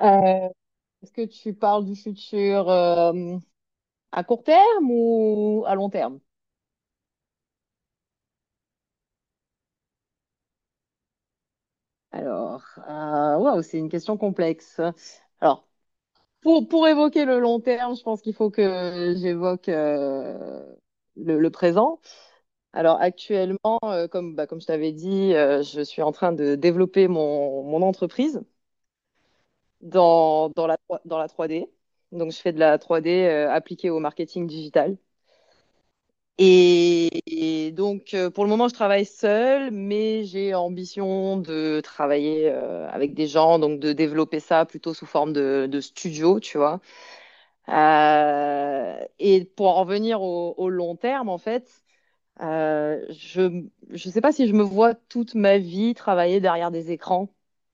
Euh, est-ce que tu parles du futur à court terme ou à long terme? Alors, waouh, c'est une question complexe. Alors, pour évoquer le long terme, je pense qu'il faut que j'évoque le présent. Alors, actuellement, comme je t'avais dit, je suis en train de développer mon entreprise dans, dans la, dans la 3D. Donc, je fais de la 3D appliquée au marketing digital. Et donc, pour le moment, je travaille seule, mais j'ai ambition de travailler avec des gens, donc de développer ça plutôt sous forme de studio, tu vois. Et pour en revenir au long terme, en fait, euh, je je sais pas si je me vois toute ma vie travailler derrière des écrans,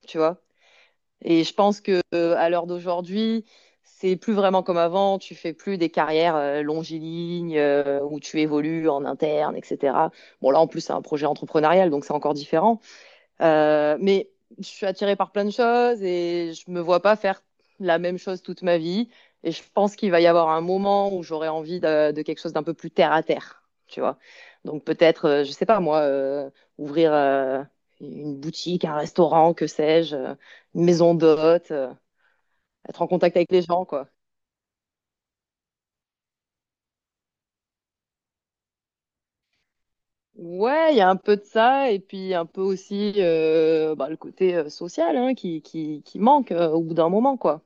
tu vois. Et je pense que à l'heure d'aujourd'hui, c'est plus vraiment comme avant. Tu fais plus des carrières longilignes où tu évolues en interne, etc. Bon, là, en plus, c'est un projet entrepreneurial, donc c'est encore différent. Mais je suis attirée par plein de choses et je me vois pas faire la même chose toute ma vie. Et je pense qu'il va y avoir un moment où j'aurai envie de quelque chose d'un peu plus terre à terre, tu vois. Donc peut-être, je sais pas moi, ouvrir une boutique, un restaurant, que sais-je, une maison d'hôte, être en contact avec les gens, quoi. Ouais, il y a un peu de ça et puis un peu aussi le côté social, hein, qui manque au bout d'un moment, quoi.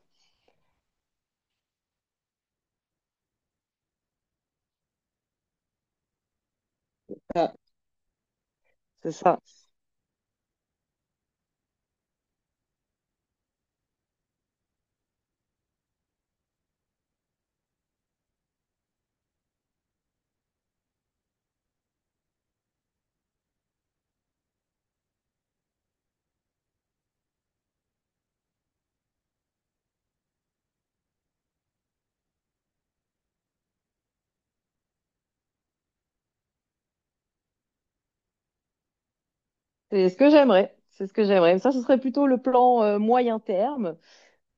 Ah, c'est ça. C'est ce que j'aimerais. C'est ce que j'aimerais. Ça, ce serait plutôt le plan moyen terme.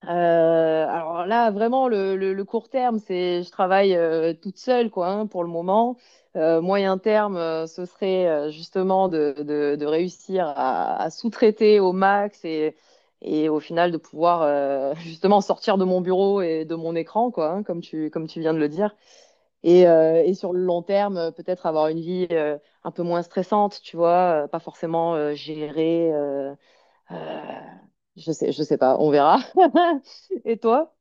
Alors là, vraiment, le court terme, c'est je travaille toute seule, quoi, hein, pour le moment. Moyen terme, ce serait justement de réussir à sous-traiter au max et au final de pouvoir justement sortir de mon bureau et de mon écran, quoi, hein, comme tu viens de le dire. Et sur le long terme, peut-être avoir une vie un peu moins stressante, tu vois, pas forcément gérer. Euh, je sais pas, on verra. Et toi?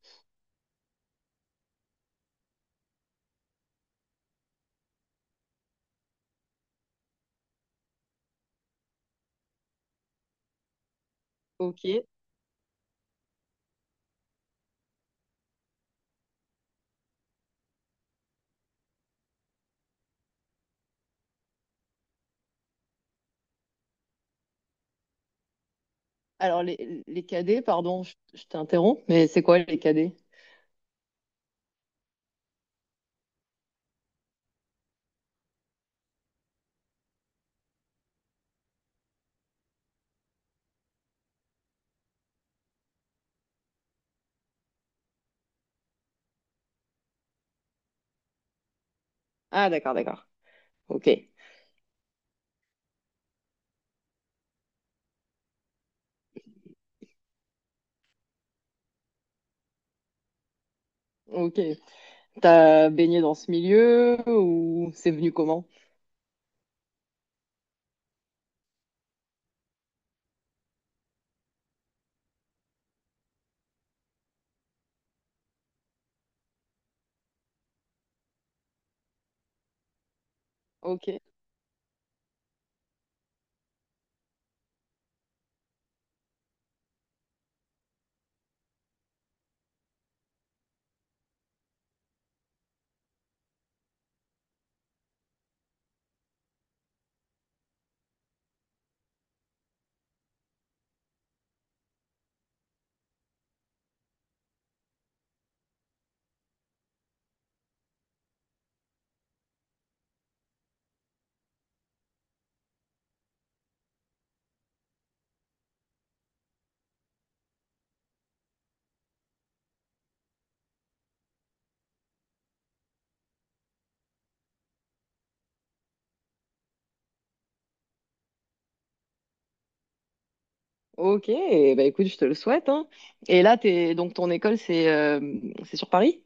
Ok. Alors les cadets, pardon, je t'interromps, mais c'est quoi les cadets? Ah, d'accord, d'accord. Ok. Ok. T'as baigné dans ce milieu ou c'est venu comment? Ok. Ok. Eh ben, écoute, je te le souhaite, hein. Et là, t'es, donc ton école, c'est sur Paris?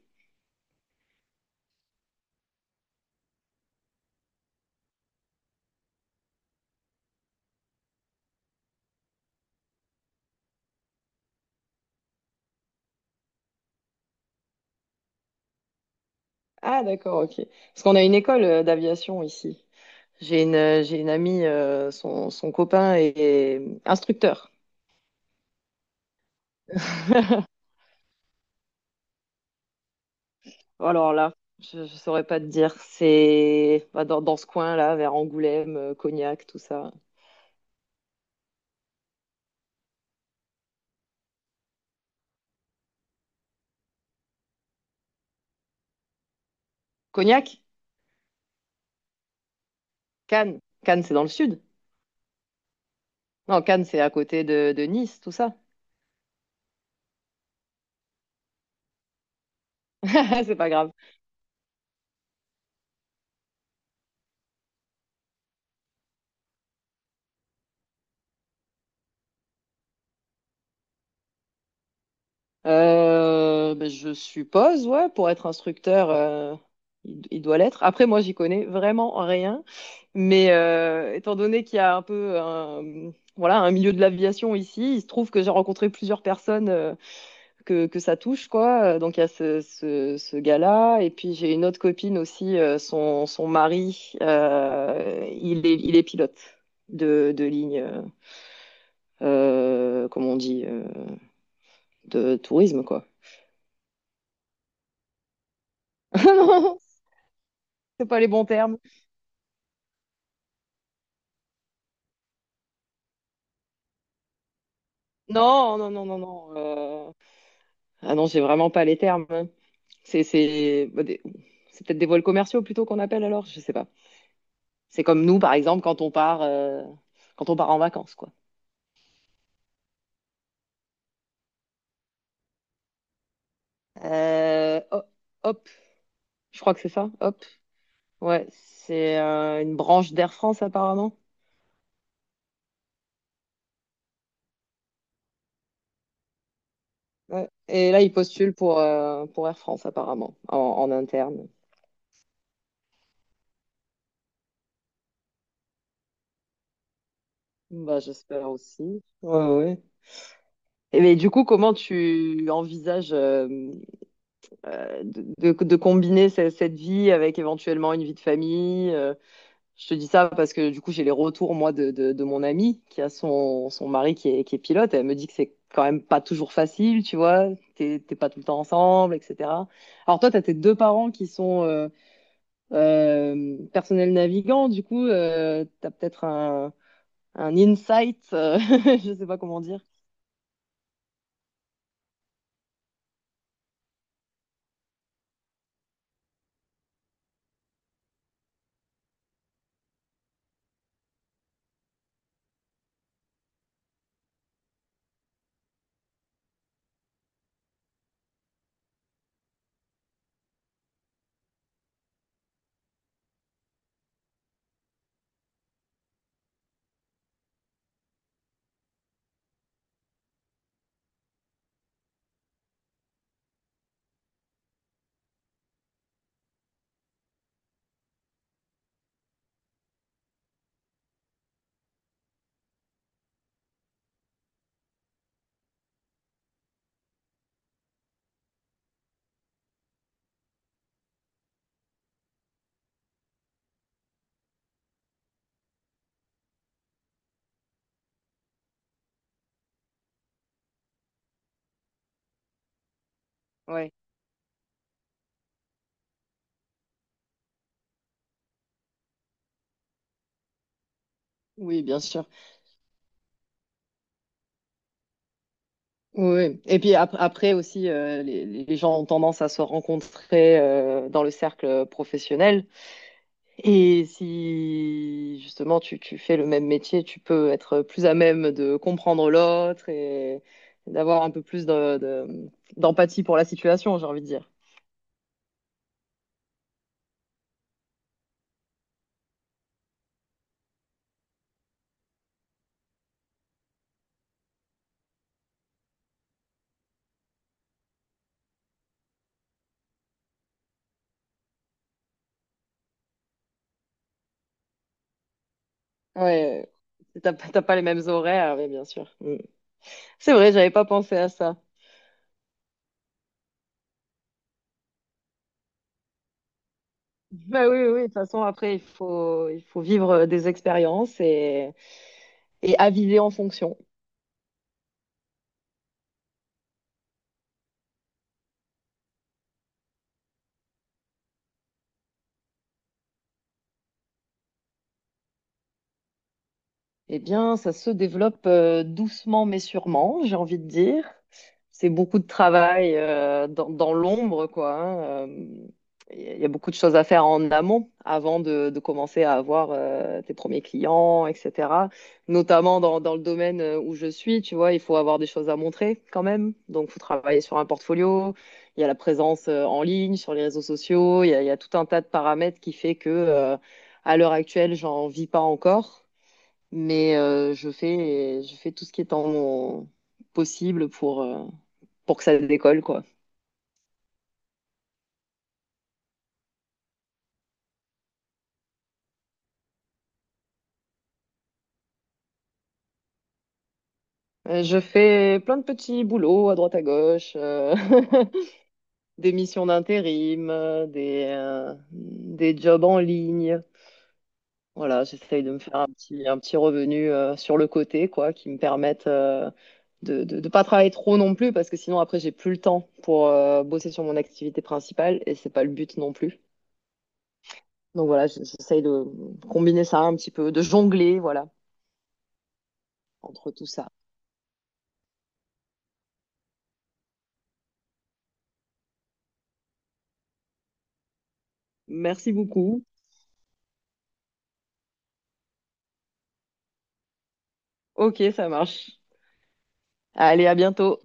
Ah, d'accord, ok. Parce qu'on a une école d'aviation ici. J'ai une amie, son copain est instructeur. Oh, alors là, je saurais pas te dire. Dans ce coin-là, vers Angoulême, Cognac, tout ça. Cognac? Cannes. Cannes, c'est dans le sud. Non, Cannes, c'est à côté de Nice, tout ça. C'est pas grave. Je suppose, ouais, pour être instructeur, il doit l'être. Après, moi, j'y connais vraiment rien. Mais étant donné qu'il y a un peu un, voilà, un milieu de l'aviation ici, il se trouve que j'ai rencontré plusieurs personnes que ça touche, quoi. Donc il y a ce gars-là, et puis j'ai une autre copine aussi, son mari, il est pilote de ligne, comment on dit, de tourisme, quoi. Non, c'est pas les bons termes. Non, non, non, non, non. Ah non, j'ai vraiment pas les termes, hein. C'est c'est- bah, des- c'est peut-être des vols commerciaux plutôt qu'on appelle alors, je sais pas. C'est comme nous, par exemple, quand on part en vacances, quoi. Euh, ho- hop, je crois que c'est ça, Hop. Ouais, c'est une branche d'Air France apparemment. Ouais. Et là, il postule pour Air France apparemment, en interne. Bah, j'espère aussi. Ouais, ouais. Et mais du coup, comment tu envisages de combiner cette vie avec éventuellement une vie de famille? Je te dis ça parce que du coup, j'ai les retours, moi, de mon amie qui a son mari qui est pilote. Elle me dit que c'est quand même pas toujours facile, tu vois. T'es pas tout le temps ensemble, etc. Alors toi, t'as tes deux parents qui sont personnels navigants. Du coup, t'as peut-être un insight, je sais pas comment dire. Ouais. Oui, bien sûr. Oui. Oui. Et puis après aussi, les gens ont tendance à se rencontrer dans le cercle professionnel. Et si justement tu fais le même métier, tu peux être plus à même de comprendre l'autre et d'avoir un peu plus d'empathie pour la situation, j'ai envie de dire. Ouais, t'as pas les mêmes horaires, mais bien sûr. Mm. C'est vrai, j'avais pas pensé à ça. Bah oui, oui, oui, de toute façon, après, il faut vivre des expériences et aviser en fonction. Eh bien, ça se développe doucement mais sûrement, j'ai envie de dire. C'est beaucoup de travail dans l'ombre, quoi, hein. Il y a beaucoup de choses à faire en amont avant de commencer à avoir tes premiers clients, etc. Notamment dans le domaine où je suis, tu vois, il faut avoir des choses à montrer quand même. Donc, il faut travailler sur un portfolio. Il y a la présence en ligne, sur les réseaux sociaux. Il y a tout un tas de paramètres qui fait que, à l'heure actuelle, j'en vis pas encore. Mais je fais tout ce qui est en mon possible pour que ça décolle, quoi. Je fais plein de petits boulots à droite à gauche, des missions d'intérim, des jobs en ligne. Voilà, j'essaye de me faire un petit revenu sur le côté, quoi, qui me permette de ne pas travailler trop non plus, parce que sinon après, j'ai plus le temps pour bosser sur mon activité principale, et c'est pas le but non plus. Donc voilà, j'essaye de combiner ça un petit peu, de jongler, voilà, entre tout ça. Merci beaucoup. Ok, ça marche. Allez, à bientôt.